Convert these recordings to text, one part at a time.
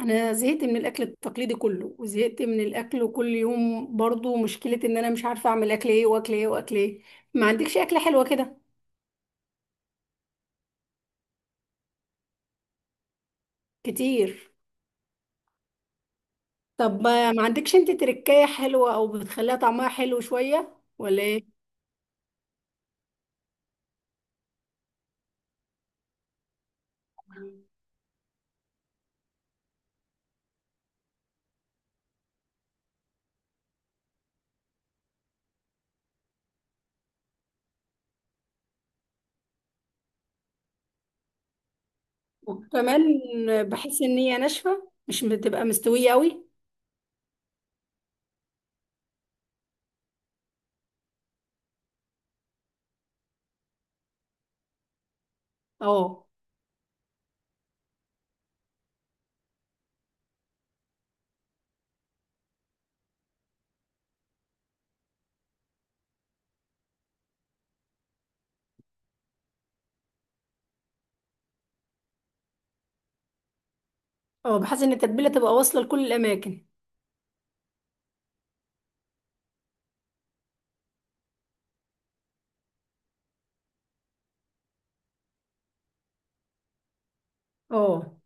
انا زهقت من الاكل التقليدي كله، وزهقت من الاكل كل يوم برضو. مشكلة ان انا مش عارفة اعمل اكل ايه، واكل ايه، واكل ايه. ما عندكش اكلة حلوة كده؟ كتير. طب ما عندكش انت تركاية حلوة او بتخليها طعمها حلو شوية، ولا ايه؟ وكمان بحس ان هي ناشفة، مش بتبقى مستوية قوي. اه اه. بحس ان التتبيلة تبقى واصلة لكل الاماكن. اه.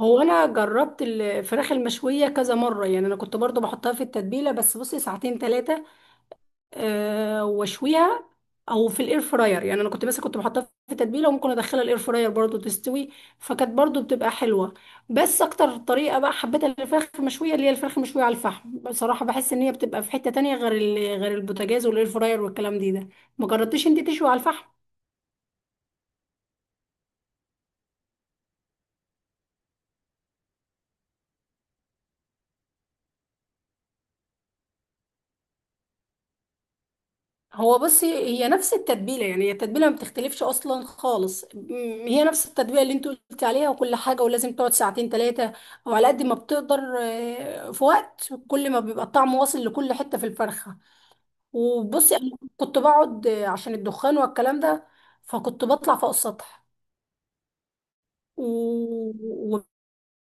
هو انا جربت الفراخ المشويه كذا مره. يعني انا كنت برضو بحطها في التتبيله بس بصي ساعتين ثلاثه، واشويها. او في الاير فراير. يعني انا كنت، بس كنت بحطها في تتبيله، وممكن ادخلها الاير فراير برضو تستوي، فكانت برضو بتبقى حلوه. بس اكتر طريقه بقى حبيتها للفراخ المشويه اللي هي الفراخ المشويه على الفحم. بصراحه بحس ان هي بتبقى في حته تانية غير غير البوتاجاز والاير فراير والكلام دي ده. ما جربتيش انت تشوي على الفحم؟ هو بصي هي نفس التتبيله. يعني هي التتبيله ما بتختلفش اصلا خالص، هي نفس التتبيله اللي انت قلت عليها وكل حاجه. ولازم تقعد ساعتين ثلاثه، او على قد ما بتقدر، في وقت كل ما بيبقى الطعم واصل لكل حته في الفرخه. وبصي انا كنت بقعد، عشان الدخان والكلام ده، فكنت بطلع فوق السطح و-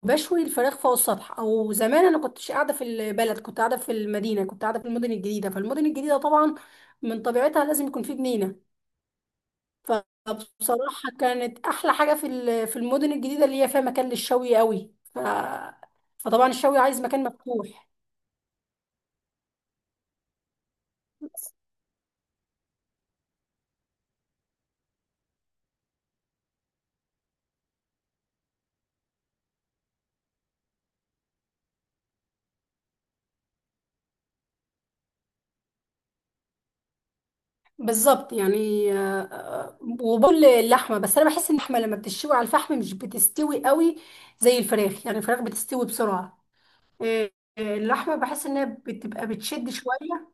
وبشوي الفراخ فوق السطح. او زمان انا كنتش قاعده في البلد، كنت قاعده في المدينه، كنت قاعده في المدن الجديده. فالمدن الجديده طبعا من طبيعتها لازم يكون في جنينه. فبصراحة كانت أحلى حاجة في في المدن الجديدة اللي هي فيها مكان للشوي قوي، فطبعا الشوي عايز مكان مفتوح. بالظبط. يعني وبقول اللحمة. بس أنا بحس إن اللحمة لما بتشوي على الفحم مش بتستوي قوي زي الفراخ. يعني الفراخ بتستوي بسرعة. آه، اللحمة بحس إنها بتبقى بتشد شوية.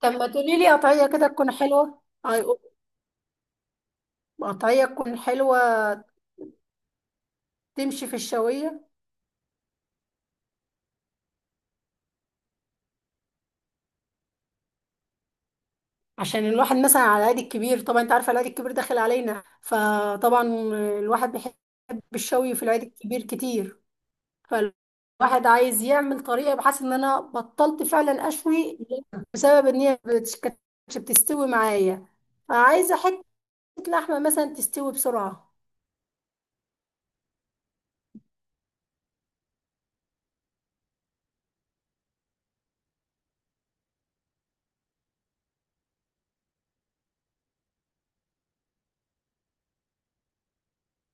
طب ما تقولي لي قطعية كده تكون حلوة. أي- قطعية تكون حلوة تمشي في الشوية. عشان الواحد مثلا على العيد الكبير. طبعا انت عارفه العيد الكبير داخل علينا، فطبعا الواحد بيحب الشوي في العيد الكبير كتير. فالواحد عايز يعمل طريقه، بحيث ان انا بطلت فعلا اشوي بسبب ان هي كانتش بتستوي معايا. فعايزه حته لحمه مثلا تستوي بسرعه.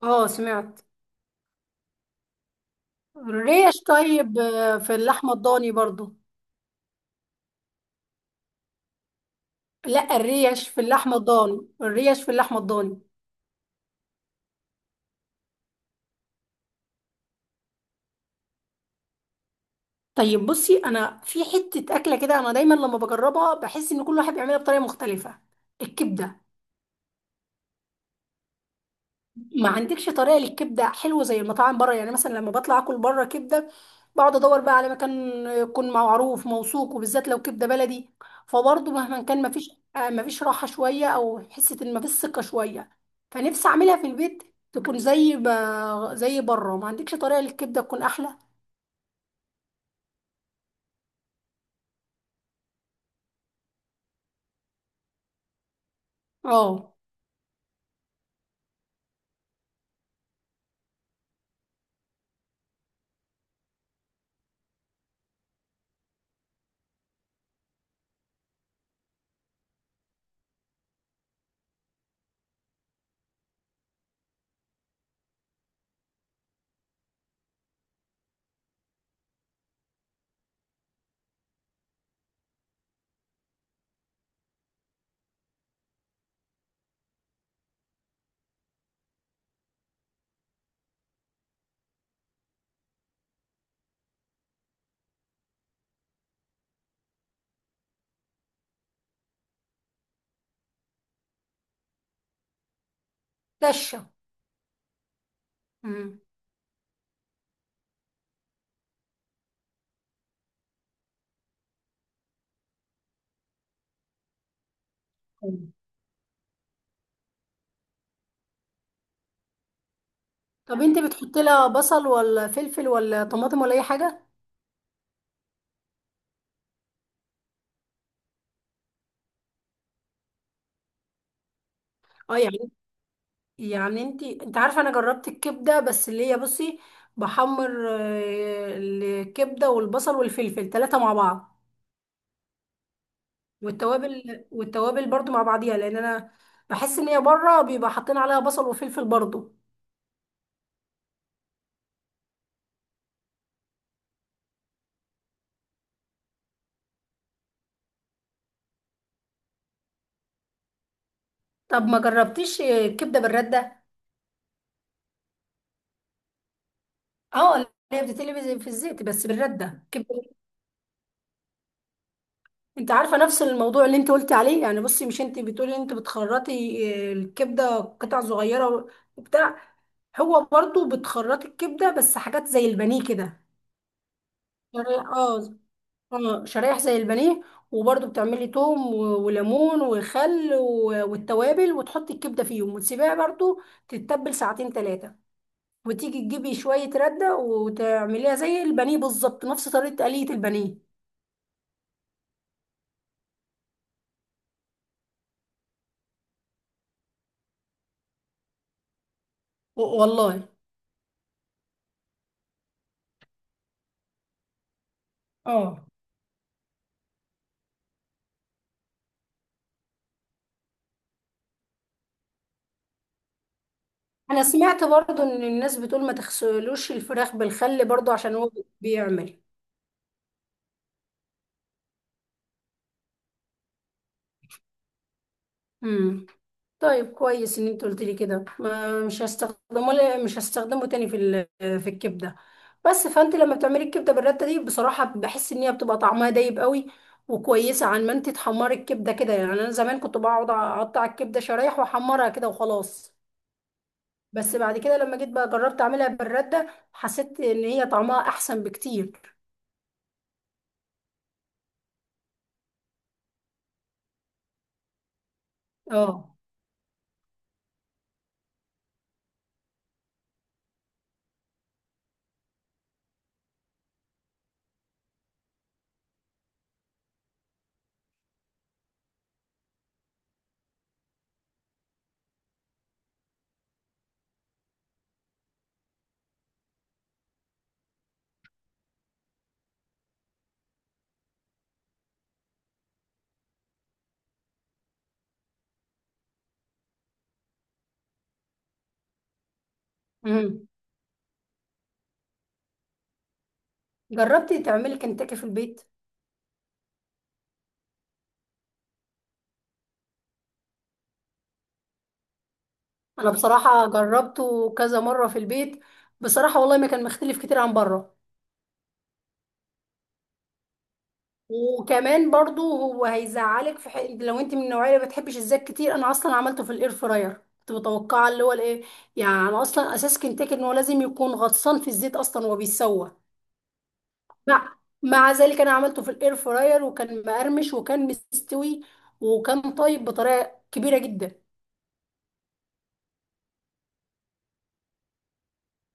اه سمعت. الريش. طيب في اللحمه الضاني برضو. لا، الريش في اللحمه الضاني، الريش في اللحمه الضاني. طيب بصي انا في حته اكله كده انا دايما لما بجربها بحس ان كل واحد بيعملها بطريقه مختلفه. الكبده. ما عندكش طريقه للكبده حلوه زي المطاعم بره؟ يعني مثلا لما بطلع اكل بره كبده بقعد ادور بقى على مكان يكون معروف موثوق، وبالذات لو كبده بلدي. فبرضه مهما كان ما فيش، ما فيش راحه شويه، او حسه ان ما فيش ثقه شويه. فنفسي اعملها في البيت، تكون زي زي بره. ما عندكش طريقه للكبده تكون احلى؟ اه. دشه. مم. طب انت بتحط لها بصل ولا فلفل ولا طماطم ولا اي حاجه؟ اه. يعني يعني انت عارفه، انا جربت الكبده، بس اللي هي بصي بحمر الكبده والبصل والفلفل ثلاثه مع بعض. والتوابل برضو مع بعضيها، لان انا بحس ان هي بره بيبقى حاطين عليها بصل وفلفل برضو. طب ما جربتيش كبده بالرده؟ اه، اللي هي بتتقلي في الزيت بس بالرده كبده. انت عارفه نفس الموضوع اللي انت قلتي عليه؟ يعني بصي، مش انت بتقولي انت بتخرطي الكبده قطع صغيره وبتاع. هو برضو بتخرطي الكبده بس حاجات زي البانيه كده، شرايح. اه اه شرايح زي البانيه. وبرضو بتعملي توم وليمون وخل والتوابل وتحطي الكبده فيهم وتسيبيها برضو تتبل ساعتين ثلاثه. وتيجي تجيبي شويه رده وتعمليها زي البانيه بالظبط، نفس طريقه آلية البانيه. والله. اه. انا سمعت برضو ان الناس بتقول ما تغسلوش الفراخ بالخل برضو عشان هو بيعمل. امم. طيب كويس ان انت قلت لي كده. ما مش هستخدمه، لا مش هستخدمه تاني في في الكبده. بس فانت لما بتعملي الكبده بالرده دي بصراحه بحس ان هي بتبقى طعمها دايب قوي، وكويسه عن ما انت تحمري الكبده كده. يعني انا زمان كنت بقعد اقطع الكبده شرايح واحمرها كده وخلاص، بس بعد كده لما جيت بقى جربت اعملها بالرده حسيت ان هي طعمها احسن بكتير. اه. جربتي تعملي كنتاكي في البيت؟ انا بصراحه جربته كذا مره في البيت. بصراحه والله ما كان مختلف كتير عن بره. وكمان برضو هو هيزعلك في حق لو انت من النوعيه اللي ما بتحبش الزيت كتير. انا اصلا عملته في الاير فراير. كنت متوقعه اللي هو الايه. يعني أنا اصلا اساس كنتاكي ان هو لازم يكون غطسان في الزيت اصلا وهو بيتسوى. مع ذلك انا عملته في الاير فراير، وكان مقرمش وكان مستوي وكان طيب بطريقه كبيره جدا.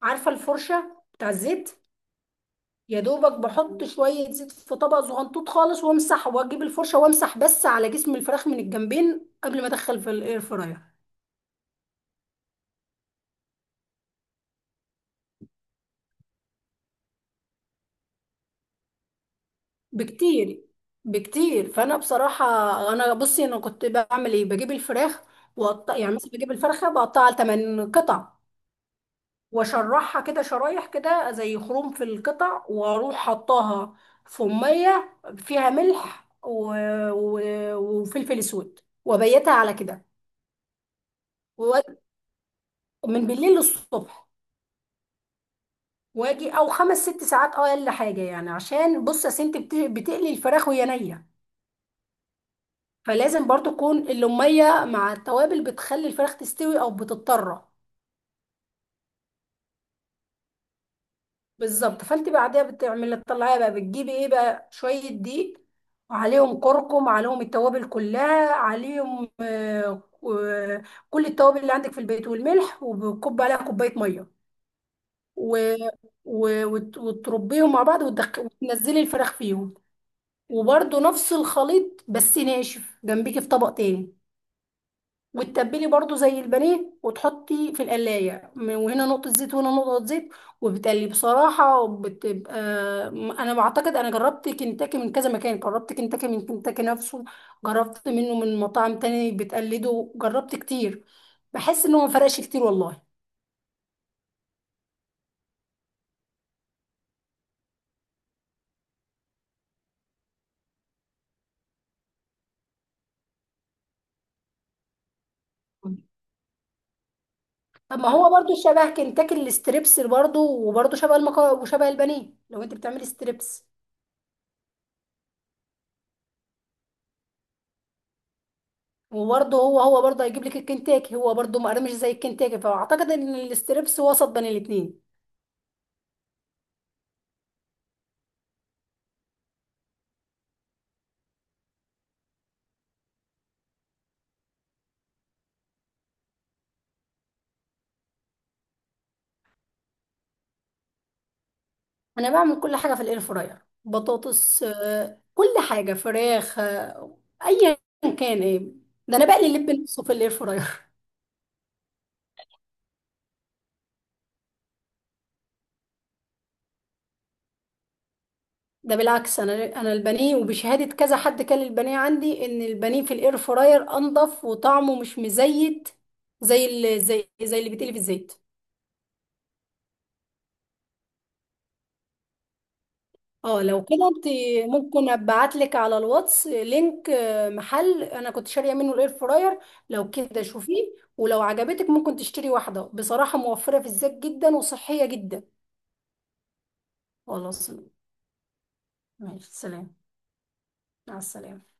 عارفه الفرشه بتاع الزيت؟ يا دوبك بحط شوية زيت في طبق صغنطوط خالص، وامسح واجيب الفرشة وامسح بس على جسم الفراخ من الجنبين قبل ما ادخل في الاير فراير. بكتير، بكتير. فانا بصراحة، انا كنت بعمل ايه. بجيب الفراخ وقطع، يعني مثلا بجيب الفرخة بقطعها لتمن قطع، واشرحها كده شرايح كده زي خروم في القطع، واروح حطاها في مية فيها ملح و... وفلفل اسود، وبيتها على كده و- من بالليل للصبح. واجي او خمس ست ساعات اه اقل حاجه. يعني عشان بص يا سنت بتقلي الفراخ وهي نيه، فلازم برضو تكون اللوميه مع التوابل بتخلي الفراخ تستوي، او بتضطر. بالظبط. فانت بعدها بتعملي تطلعيها بقى، بتجيبي ايه بقى شويه دقيق وعليهم كركم عليهم التوابل كلها عليهم، كل التوابل اللي عندك في البيت والملح، وبكب عليها كوبايه ميه و... وتربيهم مع بعض، وتنزلي الفراخ فيهم، وبرده نفس الخليط بس ناشف جنبيكي في طبق تاني. وتتبلي برضو زي البانيه وتحطي في القلاية، وهنا نقطة زيت وهنا نقطة زيت. وبتقلي بصراحة بتبقى. أنا بعتقد أنا جربت كنتاكي من كذا مكان، جربت كنتاكي من كنتاكي نفسه، جربت منه من مطاعم تاني بتقلده، جربت كتير. بحس إنه ما فرقش كتير والله. طب ما هو برضو شبه كنتاكي. الستريبس برضو، وبرضو شبه المكرونة وشبه البانيه لو أنت بتعملي ستريبس. وبرضه هو برضه هيجيب لك الكنتاكي. هو برضه مقرمش، مش زي الكنتاكي. فاعتقد ان الاستريبس وسط بين الاتنين. انا بعمل كل حاجه في الاير فراير. بطاطس كل حاجه، فراخ ايا كان ايه. ده انا بقلي اللب نفسه في الاير فراير ده بالعكس، انا البانيه وبشهاده كذا حد كان البانيه عندي ان البانيه في الاير فراير انضف وطعمه مش مزيت، زي اللي، زي اللي بيتقلي في الزيت. اه لو كده انت ممكن ابعت لك على الواتس لينك محل انا كنت شاريه منه الاير فراير. لو كده شوفيه ولو عجبتك ممكن تشتري واحده. بصراحه موفره في الزيت جدا وصحيه جدا. خلاص، ماشي. سلام. مع السلامه.